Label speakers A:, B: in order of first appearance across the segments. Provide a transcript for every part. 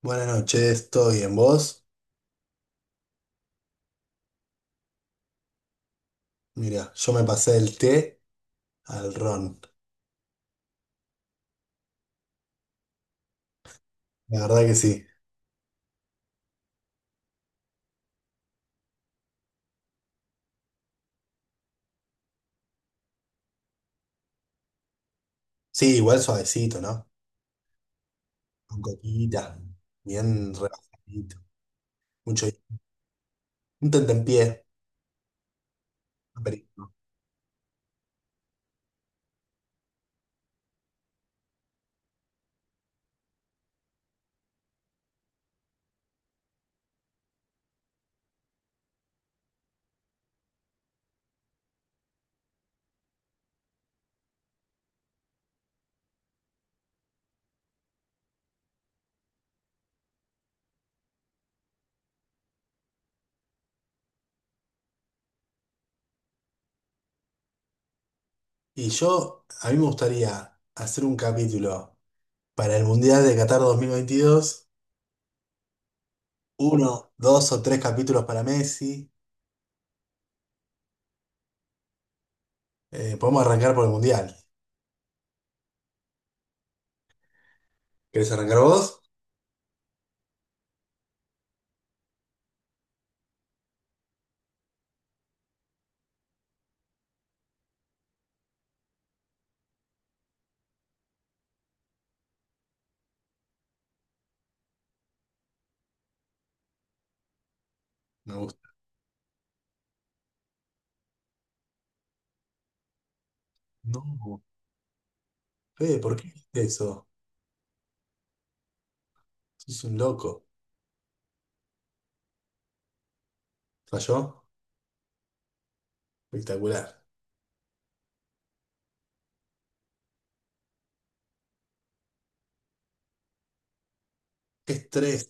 A: Buenas noches, ¿todo bien vos? Mira, yo me pasé del té al ron. La verdad que sí. Sí, igual suavecito, ¿no? Con coquita, bien rebajadito. Mucho. Un tentempié. Aperitivo. Y yo, a mí me gustaría hacer un capítulo para el Mundial de Qatar 2022. Uno, dos o tres capítulos para Messi. Podemos arrancar por el Mundial. ¿Querés arrancar vos? Me gusta. No, Fede, ¿por qué hiciste eso? Sos un loco. ¿Falló? Espectacular. Qué estrés.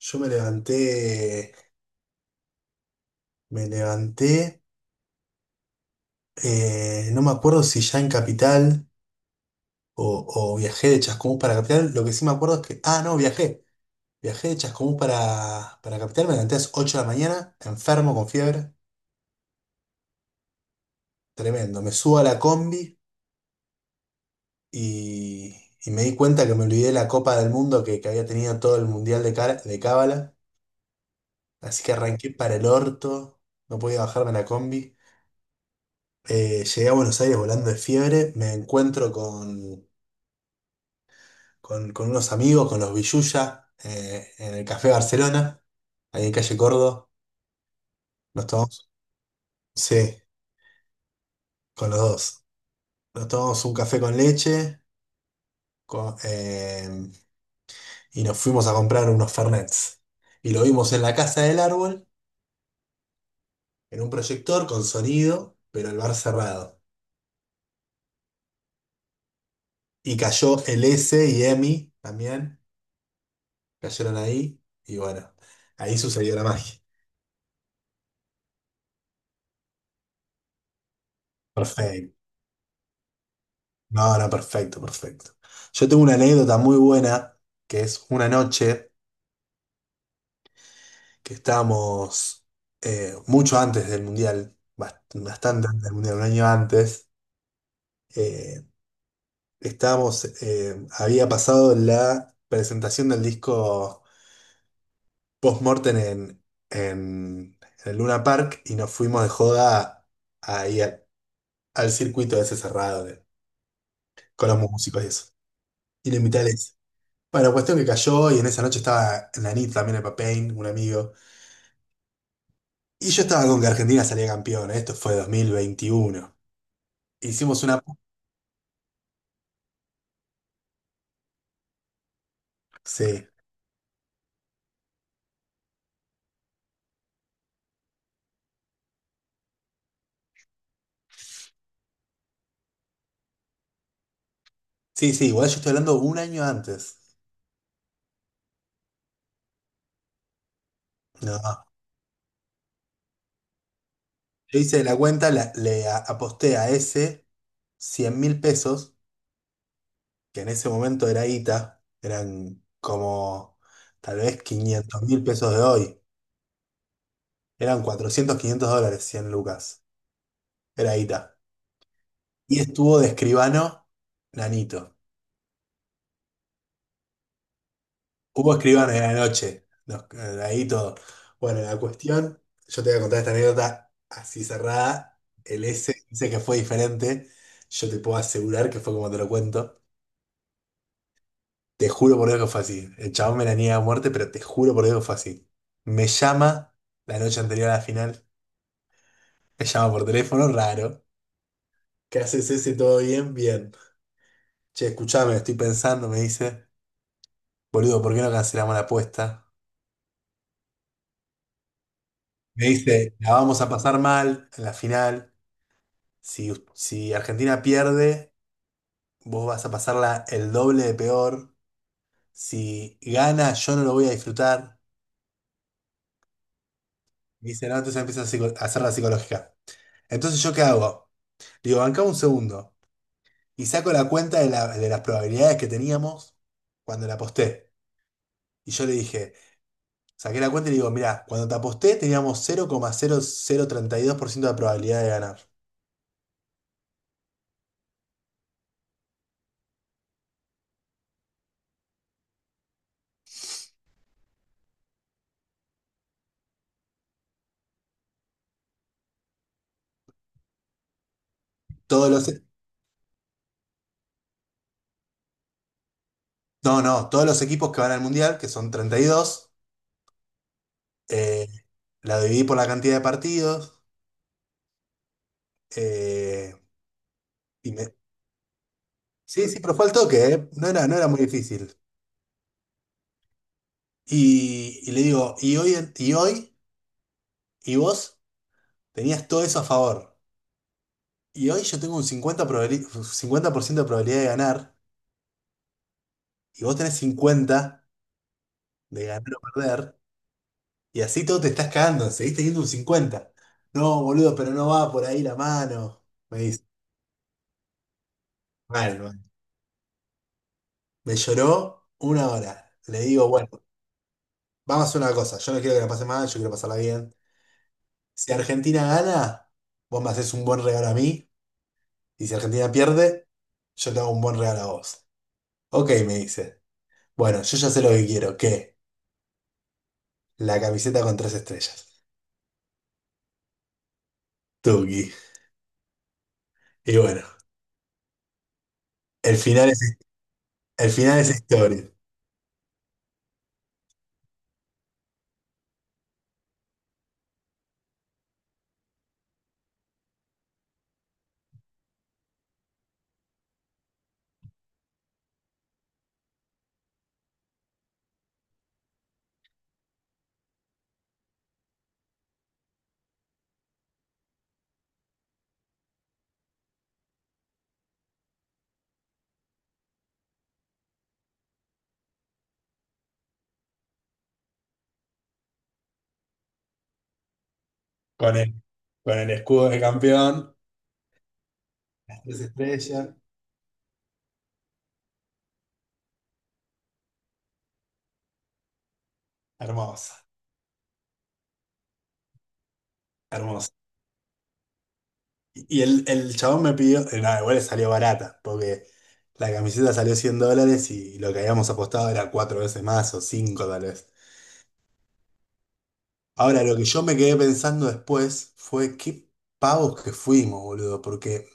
A: Yo me levanté, no me acuerdo si ya en Capital o viajé de Chascomús para Capital. Lo que sí me acuerdo es que, ah, no, viajé. Viajé de Chascomús para Capital, me levanté a las 8 de la mañana, enfermo, con fiebre, tremendo. Me subo a la combi y, y me di cuenta que me olvidé la Copa del Mundo que había tenido todo el Mundial de Cábala. Así que arranqué para el orto, no podía bajarme la combi. Llegué a Buenos Aires volando de fiebre, me encuentro con unos amigos, con los Villuya, en el Café Barcelona, ahí en calle Córdoba. Nos tomamos, sí, con los dos. Nos tomamos un café con leche con- eh, y nos fuimos a comprar unos Fernets. Y lo vimos en la casa del árbol, en un proyector con sonido, pero el bar cerrado. Y cayó el S y Emi también, cayeron ahí, y bueno, ahí sucedió la magia. Perfecto. No, no, perfecto, perfecto. Yo tengo una anécdota muy buena, que es una noche que estábamos mucho antes del Mundial, bastante antes del Mundial, un año antes, eh, había pasado la presentación del disco Postmortem en, en, en el Luna Park y nos fuimos de joda ahí al circuito ese cerrado con los músicos y eso. Y le invité a Alexis. Bueno, cuestión que cayó y en esa noche estaba Nanit también el Papain, un amigo. Y yo estaba con que Argentina salía campeón. Esto fue 2021. Hicimos una. Sí, sí, sí, igual yo estoy hablando un año antes. No, yo hice la cuenta, aposté a ese 100 mil pesos, que en ese momento era ITA, eran como tal vez 500 mil pesos de hoy. Eran 400, $500, 100 lucas. Era ITA. Y estuvo de escribano Nanito. Hubo escribano en la noche. Ahí todo. Bueno, la cuestión, yo te voy a contar esta anécdota así cerrada. El S dice que fue diferente. Yo te puedo asegurar que fue como te lo cuento. Te juro por Dios que fue así. El chabón me la niega a muerte, pero te juro por Dios que fue así. Me llama la noche anterior a la final. Me llama por teléfono, raro. ¿Qué haces ese? ¿Todo bien? Bien. Che, escuchame, estoy pensando, me dice. Boludo, ¿por qué no cancelamos la apuesta? Me dice, la vamos a pasar mal en la final. Si Argentina pierde, vos vas a pasarla el doble de peor. Si gana, yo no lo voy a disfrutar. Me dice, no, entonces empieza a hacer la psicológica. Entonces, ¿yo qué hago? Digo, bancame un segundo. Y saco la cuenta de las probabilidades que teníamos cuando la aposté. Y yo le dije, saqué la cuenta y le digo, mirá, cuando te aposté teníamos 0,0032% de probabilidad de ganar. Todos los, no, no, todos los equipos que van al mundial, que son 32. Eh, la dividí por la cantidad de partidos. eh, y me... Sí, sí, pero fue al toque, ¿eh? No era muy difícil. Y le digo, y hoy, y vos tenías todo eso a favor. Y hoy yo tengo un cincuenta por ciento de probabilidad de ganar, y vos tenés 50 de ganar o perder, y así todo te estás cagando, seguís teniendo un cincuenta. No, boludo, pero no va por ahí la mano. Me dice, mal, mal. Me lloró una hora. Le digo, bueno. Vamos a hacer una cosa. Yo no quiero que la pase mal, yo quiero pasarla bien. Si Argentina gana, vos me haces un buen regalo a mí. Y si Argentina pierde, yo te hago un buen regalo a vos. Ok, me dice. Bueno, yo ya sé lo que quiero. ¿Qué? La camiseta con tres estrellas. Tuki. Y bueno, el final es, el final es historia. Con el, con el escudo de campeón, las tres estrellas. Hermosa. Hermosa. Y el chabón me pidió, no, igual le salió barata, porque la camiseta salió $100 y lo que habíamos apostado era cuatro veces más o cinco tal vez. Ahora, lo que yo me quedé pensando después fue qué pavos que fuimos, boludo, porque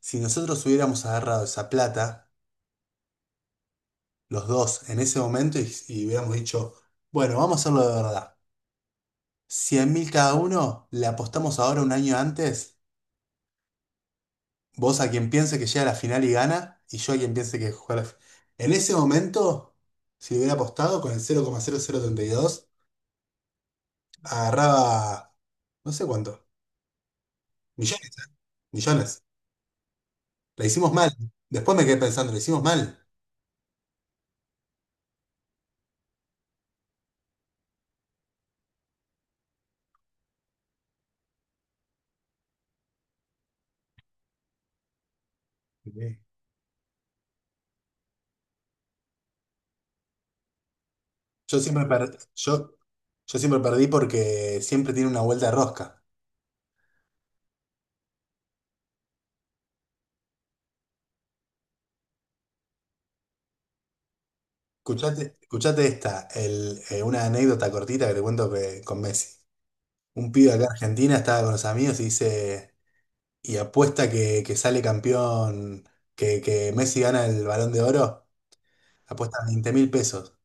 A: si nosotros hubiéramos agarrado esa plata, los dos, en ese momento y hubiéramos dicho, bueno, vamos a hacerlo de verdad. 100.000 cada uno, le apostamos ahora un año antes. Vos a quien piense que llega a la final y gana, y yo a quien piense que juega la final. En ese momento, si hubiera apostado con el 0,0032 agarraba, no sé cuánto, millones, ¿eh? Millones. La hicimos mal. Después me quedé pensando, la hicimos mal. Sí. Yo siempre, per- yo, yo siempre perdí porque siempre tiene una vuelta de rosca. Escuchate esta, una anécdota cortita que te cuento con Messi. Un pibe acá en Argentina estaba con los amigos y dice. Y apuesta que sale campeón, que Messi gana el Balón de Oro, apuesta 20.000 pesos,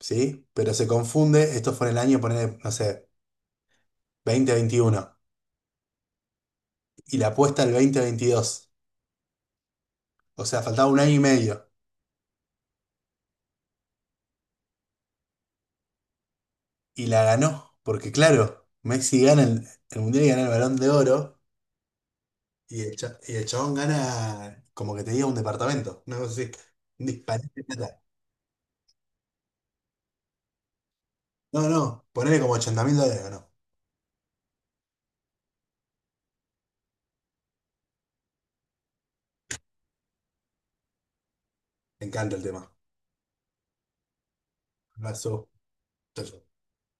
A: ¿sí? Pero se confunde, esto fue en el año, poner, no sé, 2021 y la apuesta el 2022, o sea, faltaba un año y medio, y la ganó, porque claro, Messi gana el Mundial y gana el Balón de Oro, y el chabón gana como que te diga un departamento, una cosa así, un disparate de plata. No, no, ponele como $80.000, ganó. Me encanta el tema. Un abrazo. Chau, chau.